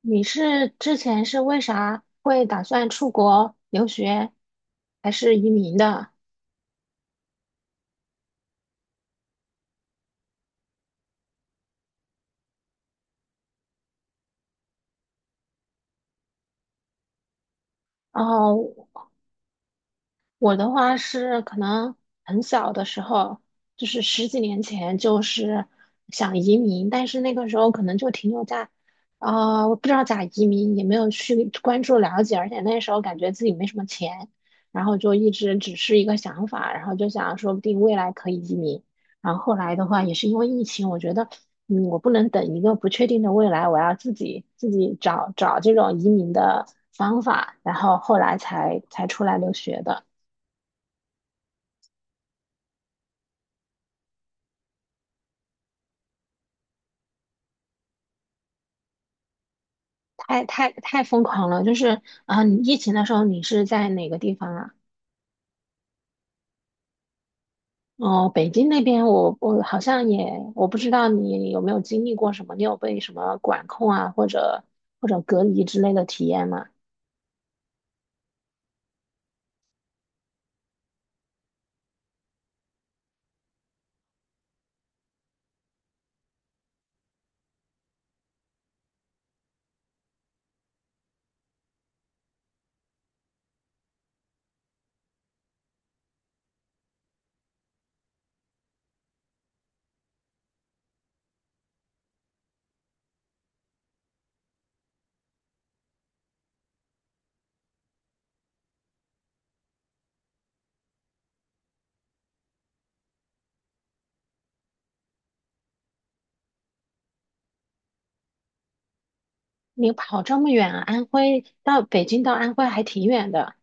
你是之前是为啥会打算出国留学，还是移民的？然后我的话是可能很小的时候，就是十几年前，就是想移民，但是那个时候可能就停留在，啊、我不知道咋移民，也没有去关注了解，而且那时候感觉自己没什么钱，然后就一直只是一个想法，然后就想说不定未来可以移民。然后后来的话，也是因为疫情，我觉得，嗯，我不能等一个不确定的未来，我要自己找找这种移民的方法，然后后来才出来留学的。太太太疯狂了，就是啊，你疫情的时候你是在哪个地方啊？哦，北京那边我好像也我不知道你有没有经历过什么，你有被什么管控啊，或者或者隔离之类的体验吗？你跑这么远啊，安徽到北京到安徽还挺远的，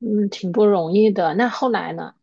嗯，挺不容易的。那后来呢？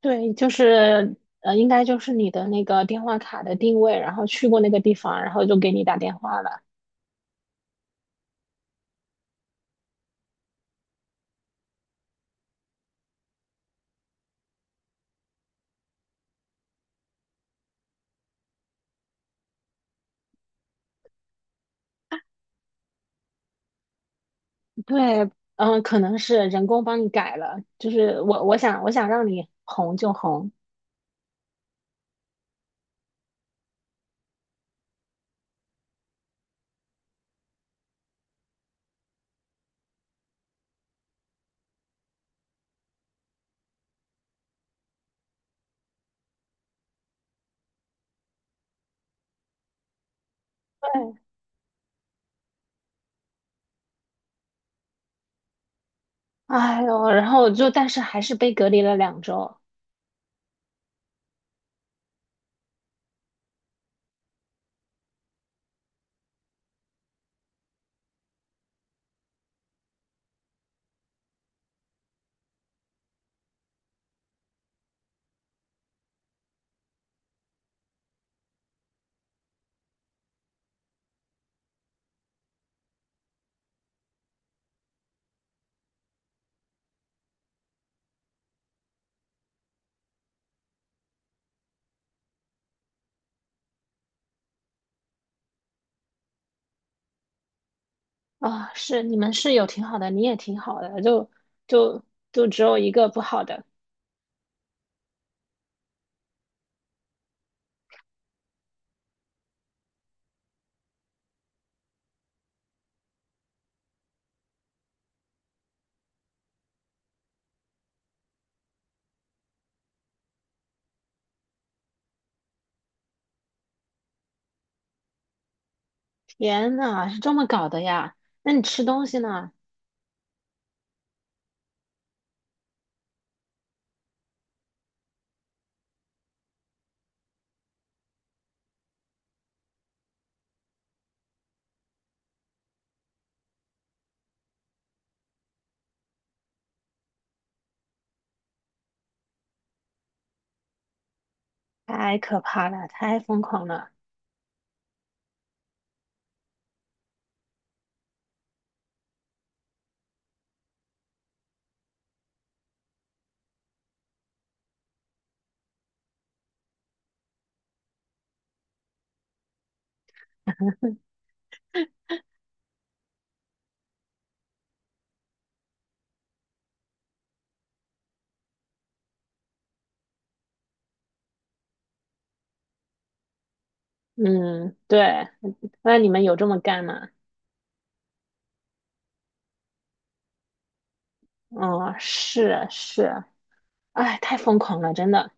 对，就是应该就是你的那个电话卡的定位，然后去过那个地方，然后就给你打电话了。对，嗯，可能是人工帮你改了，就是我想让你红就红，对，哎呦，然后就但是还是被隔离了2周啊，是你们室友挺好的，你也挺好的，就就只有一个不好的，天呐，是这么搞的呀？那你吃东西呢？太可怕了，太疯狂了，嗯，对，那你们有这么干吗？嗯，是是，哎，太疯狂了，真的，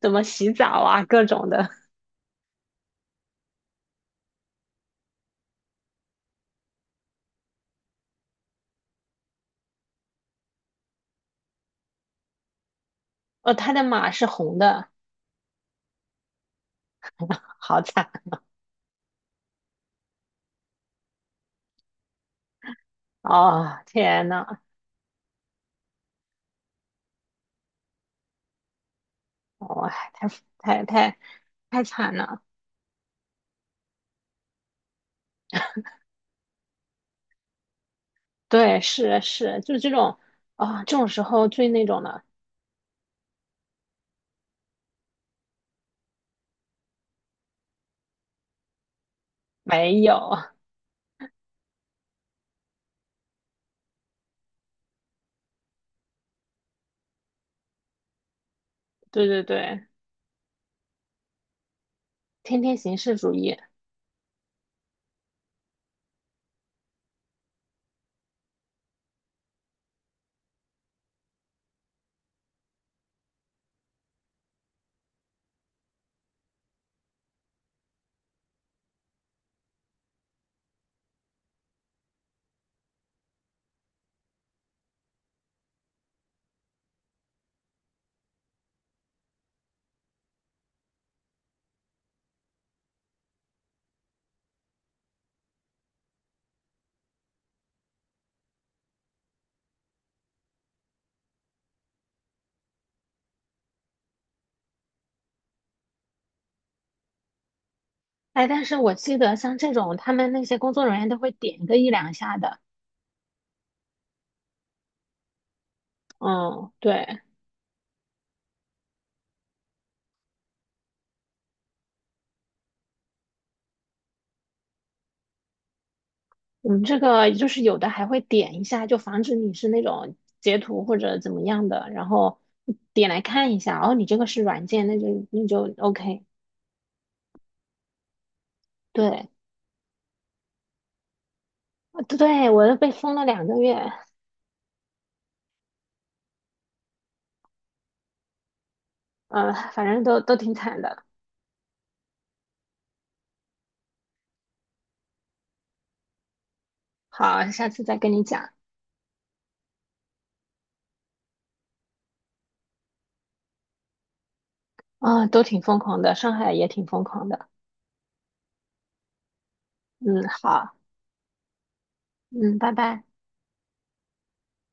怎么洗澡啊，各种的。哦，他的马是红的，好惨啊哦！天呐，哦哇、太太太惨了。对，是是，就这种啊、这种时候最那种的没有。对对对，天天形式主义。哎，但是我记得像这种，他们那些工作人员都会点个一两下的。嗯，对。我们这个就是有的还会点一下，就防止你是那种截图或者怎么样的，然后点来看一下，哦，你这个是软件，那就 OK。对，我都被封了2个月，反正都挺惨的。好，下次再跟你讲。啊、都挺疯狂的，上海也挺疯狂的。嗯，好，嗯，拜拜。